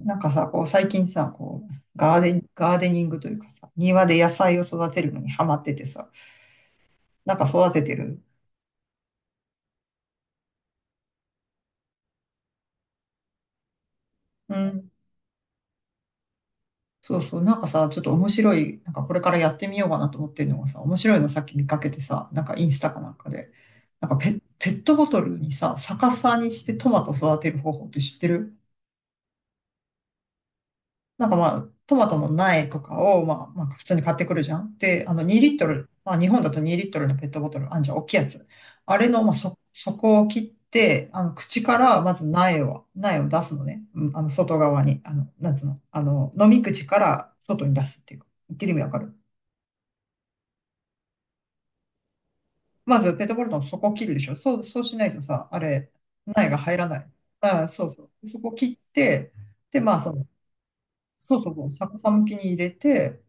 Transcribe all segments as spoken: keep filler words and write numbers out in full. なんかさ、こう最近さ、こう、ガーデン、ガーデニングというかさ、庭で野菜を育てるのにハマっててさ、なんか育ててる。うん。そうそう、なんかさ、ちょっと面白い、なんかこれからやってみようかなと思ってるのがさ、面白いのさっき見かけてさ、なんかインスタかなんかで、なんかペ、ペットボトルにさ、逆さにしてトマト育てる方法って知ってる？なんかまあ、トマトの苗とかを、まあ、まあ、普通に買ってくるじゃん。で、あの、にリットルリットル、まあ、日本だとにリットルリットルのペットボトル、あんじゃん、大きいやつ。あれの、まあ、そ、底を切って、あの、口から、まず苗を、苗を出すのね。うん、あの、外側に、あの、なんつうの、あの、飲み口から外に出すっていうか、言ってる意味わかる？まず、ペットボトルの底を切るでしょ。そう、そうしないとさ、あれ、苗が入らない。あ、そうそう。そこを切って、で、まあ、その、そうそうそう、逆さ向きに入れて、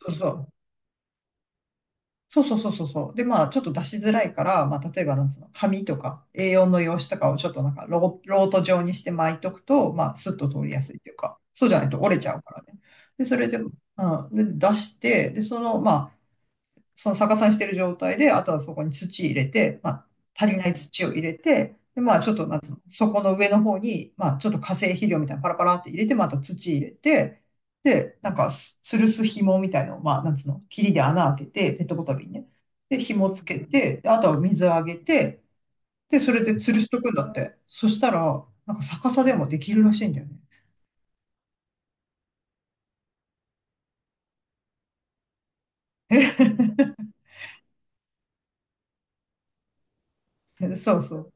そうそう。そうそうそうそうそう。で、まあ、ちょっと出しづらいから、まあ、例えば、なんつうの、紙とか エーよん の用紙とかをちょっとなんかロー、ロート状にして巻いとくと、まあ、スッと通りやすいというか、そうじゃないと折れちゃうからね。で、それで、うん、で出して、で、その、まあ、その逆さにしてる状態で、あとはそこに土入れて、まあ、足りない土を入れて、で、まあ、ちょっと、なんつうの、そこの上の方に、まあ、ちょっと化成肥料みたいなのパラパラって入れて、また土入れて、で、なんか、す吊るす紐みたいのを、まあ、なんつうの、霧で穴開けて、ペットボトルにね。で、紐つけて、であとは水あげて、で、それで吊るしとくんだって。そしたら、なんか逆さでもできるらしいんだよね。そうそう。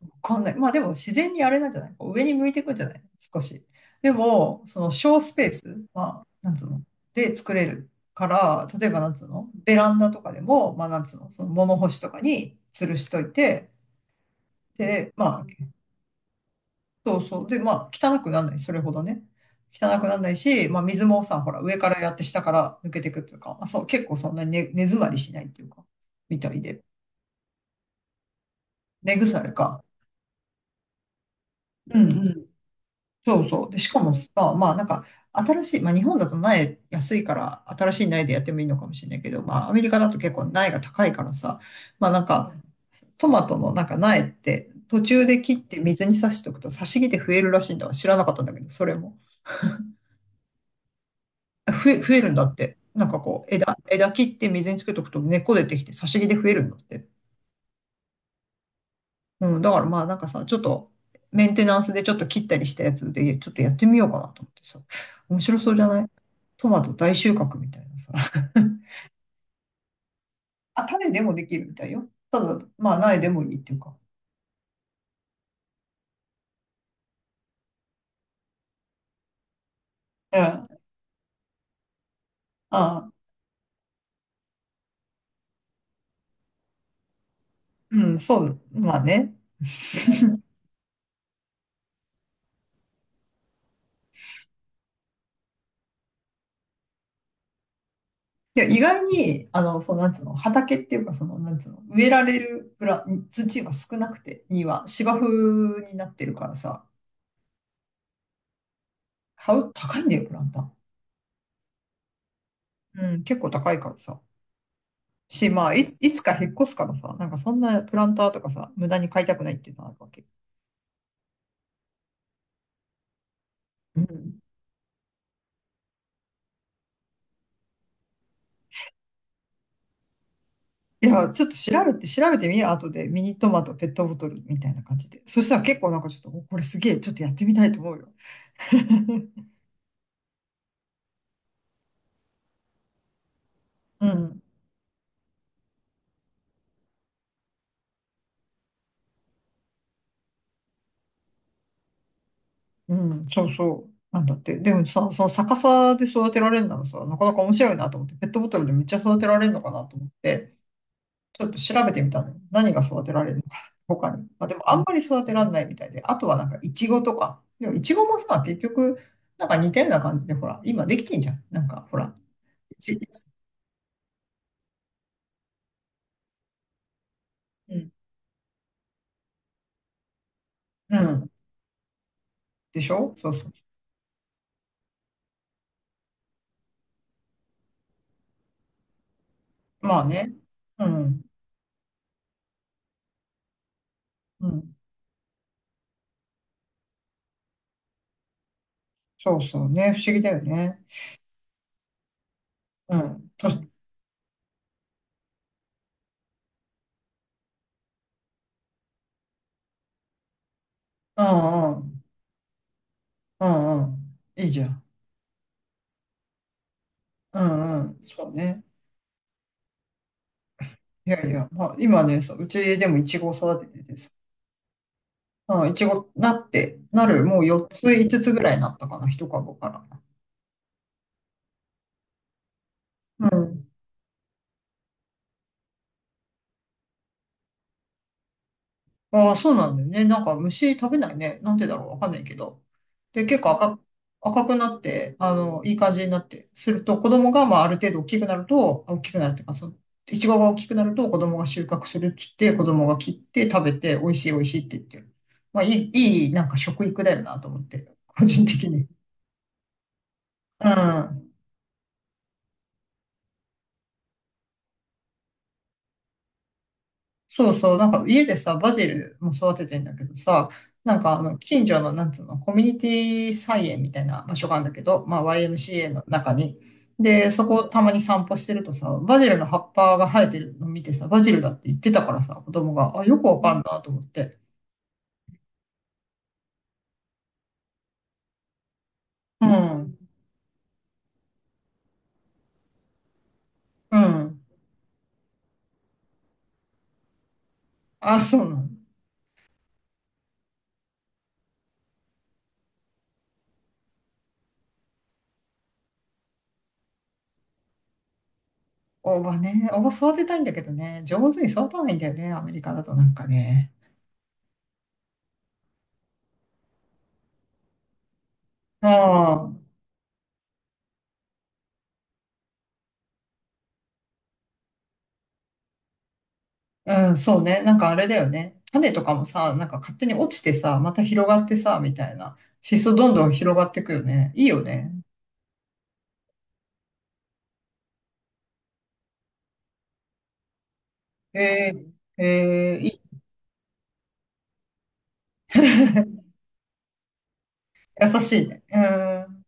わかんない。まあでも自然にあれなんじゃない？上に向いていくんじゃない？少し。でも、その小スペースはなんつうので作れるから、例えばなんつうのベランダとかでも、まあなんつうのその物干しとかに吊るしといて、で、まあ、そうそう。で、まあ汚くならない。それほどね。汚くならないし、まあ水もさ、ほら上からやって下から抜けていくっていうか、まあそう、結構そんなに根、根詰まりしないっていうか、みたいで。根腐れか。うん、そうそう。で、しかもさ、まあなんか、新しい、まあ日本だと苗安いから、新しい苗でやってもいいのかもしれないけど、まあアメリカだと結構苗が高いからさ、まあなんか、トマトのなんか苗って途中で切って水に挿しておくと挿し木で増えるらしいんだわ。知らなかったんだけど、それも。増え、増えるんだって。なんかこう、枝、枝切って水につけとくと根っこ出てきて挿し木で増えるんだって。うん、だからまあなんかさ、ちょっとメンテナンスでちょっと切ったりしたやつで、ちょっとやってみようかなと思ってさ。面白そうじゃない？トマト大収穫みたいなさ。あ、種でもできるみたいよ。ただ、まあ苗でもいいっていうか。うん。ああ、うん、そう、まあね。いや、意外に、あの、そう、なんつうの、畑っていうか、その、なんつうの、植えられるプラ、土が少なくて、には芝生になってるからさ、買う、高いんだよ、プランター。うん、結構高いからさ。し、まあ、いつ、いつか引っ越すからさ、なんかそんなプランターとかさ、無駄に買いたくないっていうのはあるわけ。うん。いや、ちょっと調べて、調べてみよう、後で。ミニトマト、ペットボトルみたいな感じで。そしたら結構なんかちょっと、おこれすげえ、ちょっとやってみたいと思うよ。うん、うん、そうそう。なんだって。でもさ、その逆さで育てられるならさ、なかなか面白いなと思って、ペットボトルでめっちゃ育てられるのかなと思って、ちょっと調べてみたの。何が育てられるのか、他に。まあ、でもあんまり育てられないみたいで、あとはなんかイチゴとか。でもイチゴもさ、結局、なんか似たような感じで、ほら、今できてんじゃん。なんか、ほら。いちいち、うん。うん、でしょ？そうそう。まあね。うん。うん。そうそうね。不思議だよね。うん。とし、うんうん。うんうん。いいじゃん。うんうん。そうね。いやいや、まあ、今ね、そう、うちでもイチゴを育てててさ、うん、いちごなって、なる、もうよっつ、いつつつぐらいなったかな、ひとかぶ株から。うん。ああ、そうなんだよね。なんか虫食べないね。なんでだろう、わかんないけど。で、結構赤く、赤くなって、あの、いい感じになって、すると子供が、まあ、ある程度大きくなると、大きくなるっていうか、その、いちごが大きくなると子供が収穫するっつって、子供が切って食べて、美味しい美味しいって言ってる。まあ、いい、いい、なんか食育だよなと思って、個人的に。うん。そうそう、なんか家でさ、バジルも育ててんだけどさ、なんかあの、近所の、なんつうの、コミュニティ菜園みたいな場所があるんだけど、まあ ワイエムシーエー の中に。で、そこたまに散歩してるとさ、バジルの葉っぱが生えてるの見てさ、バジルだって言ってたからさ、子供が、あ、よくわかんなと思って。うん、んうん。あ、そうなの。大葉ね。大葉育てたいんだけどね、上手に育たないんだよね、アメリカだとなんかね。うん。うん、そうね。なんかあれだよね。種とかもさ、なんか勝手に落ちてさ、また広がってさ、みたいな。シソどんどん広がってくよね。いいよね。えー、えー、いい。優しいね。うん。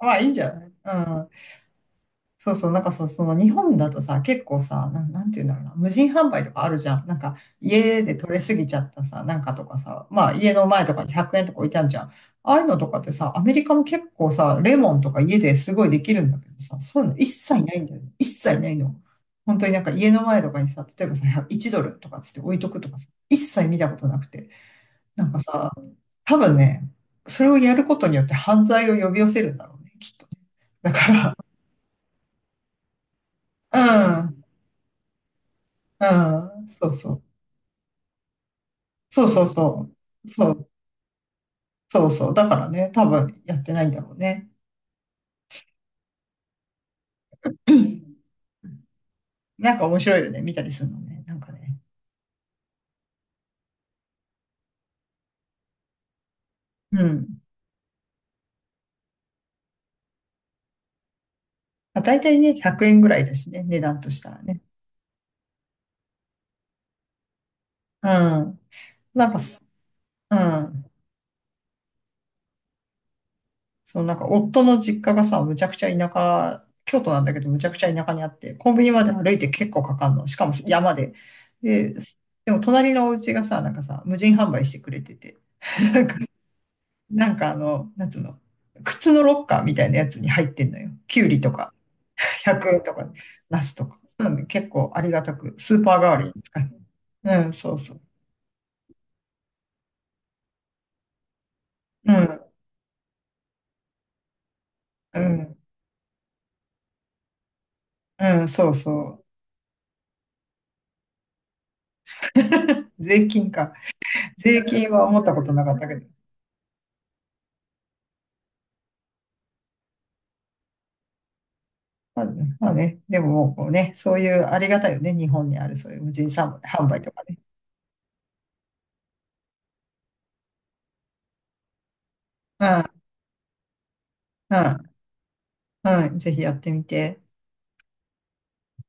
まあ、いいんじゃない？うん。そうそう、なんかさ、その日本だとさ、結構さ、なん、なんて言うんだろうな、無人販売とかあるじゃん。なんか家で取れすぎちゃったさ、なんかとかさ、まあ家の前とかにひゃくえんとか置いてあるじゃん。ああいうのとかってさ、アメリカも結構さ、レモンとか家ですごいできるんだけどさ、そういうの一切ないんだよね。一切ないの。本当になんか家の前とかにさ、例えばさ、じゅうドルとかつって置いとくとかさ、一切見たことなくて。なんかさ、多分ね、それをやることによって犯罪を呼び寄せるんだろうね、きっとね。だから、うん。うん、そうそう。そうそうそう。そう、そうそう。だからね、多分やってないんだろうね。うん、なんか面白いよね、見たりするのね。なんかね。うん。まあ、大体ね、ひゃくえんぐらいだしね、値段としたらね。うん。なんかす、うん。そう、なんか夫の実家がさ、むちゃくちゃ田舎、京都なんだけど、むちゃくちゃ田舎にあって、コンビニまで歩いて結構かかんの。しかも山で。で、でも隣のお家がさ、なんかさ、無人販売してくれてて、なんかあの、なんつうの、靴のロッカーみたいなやつに入ってんのよ。キュウリとか、ひゃくえんとか、ナスとか。なんで結構ありがたく、スーパー代わりに使う。うん、そうそう。うん、うん、うん、そうそう。税金か。税金は思ったことなかったけど。まあね、まあねでももうこうね、そういうありがたいよね、日本にあるそういう無人販売とかね。うん、うん、うん、ぜひやってみて。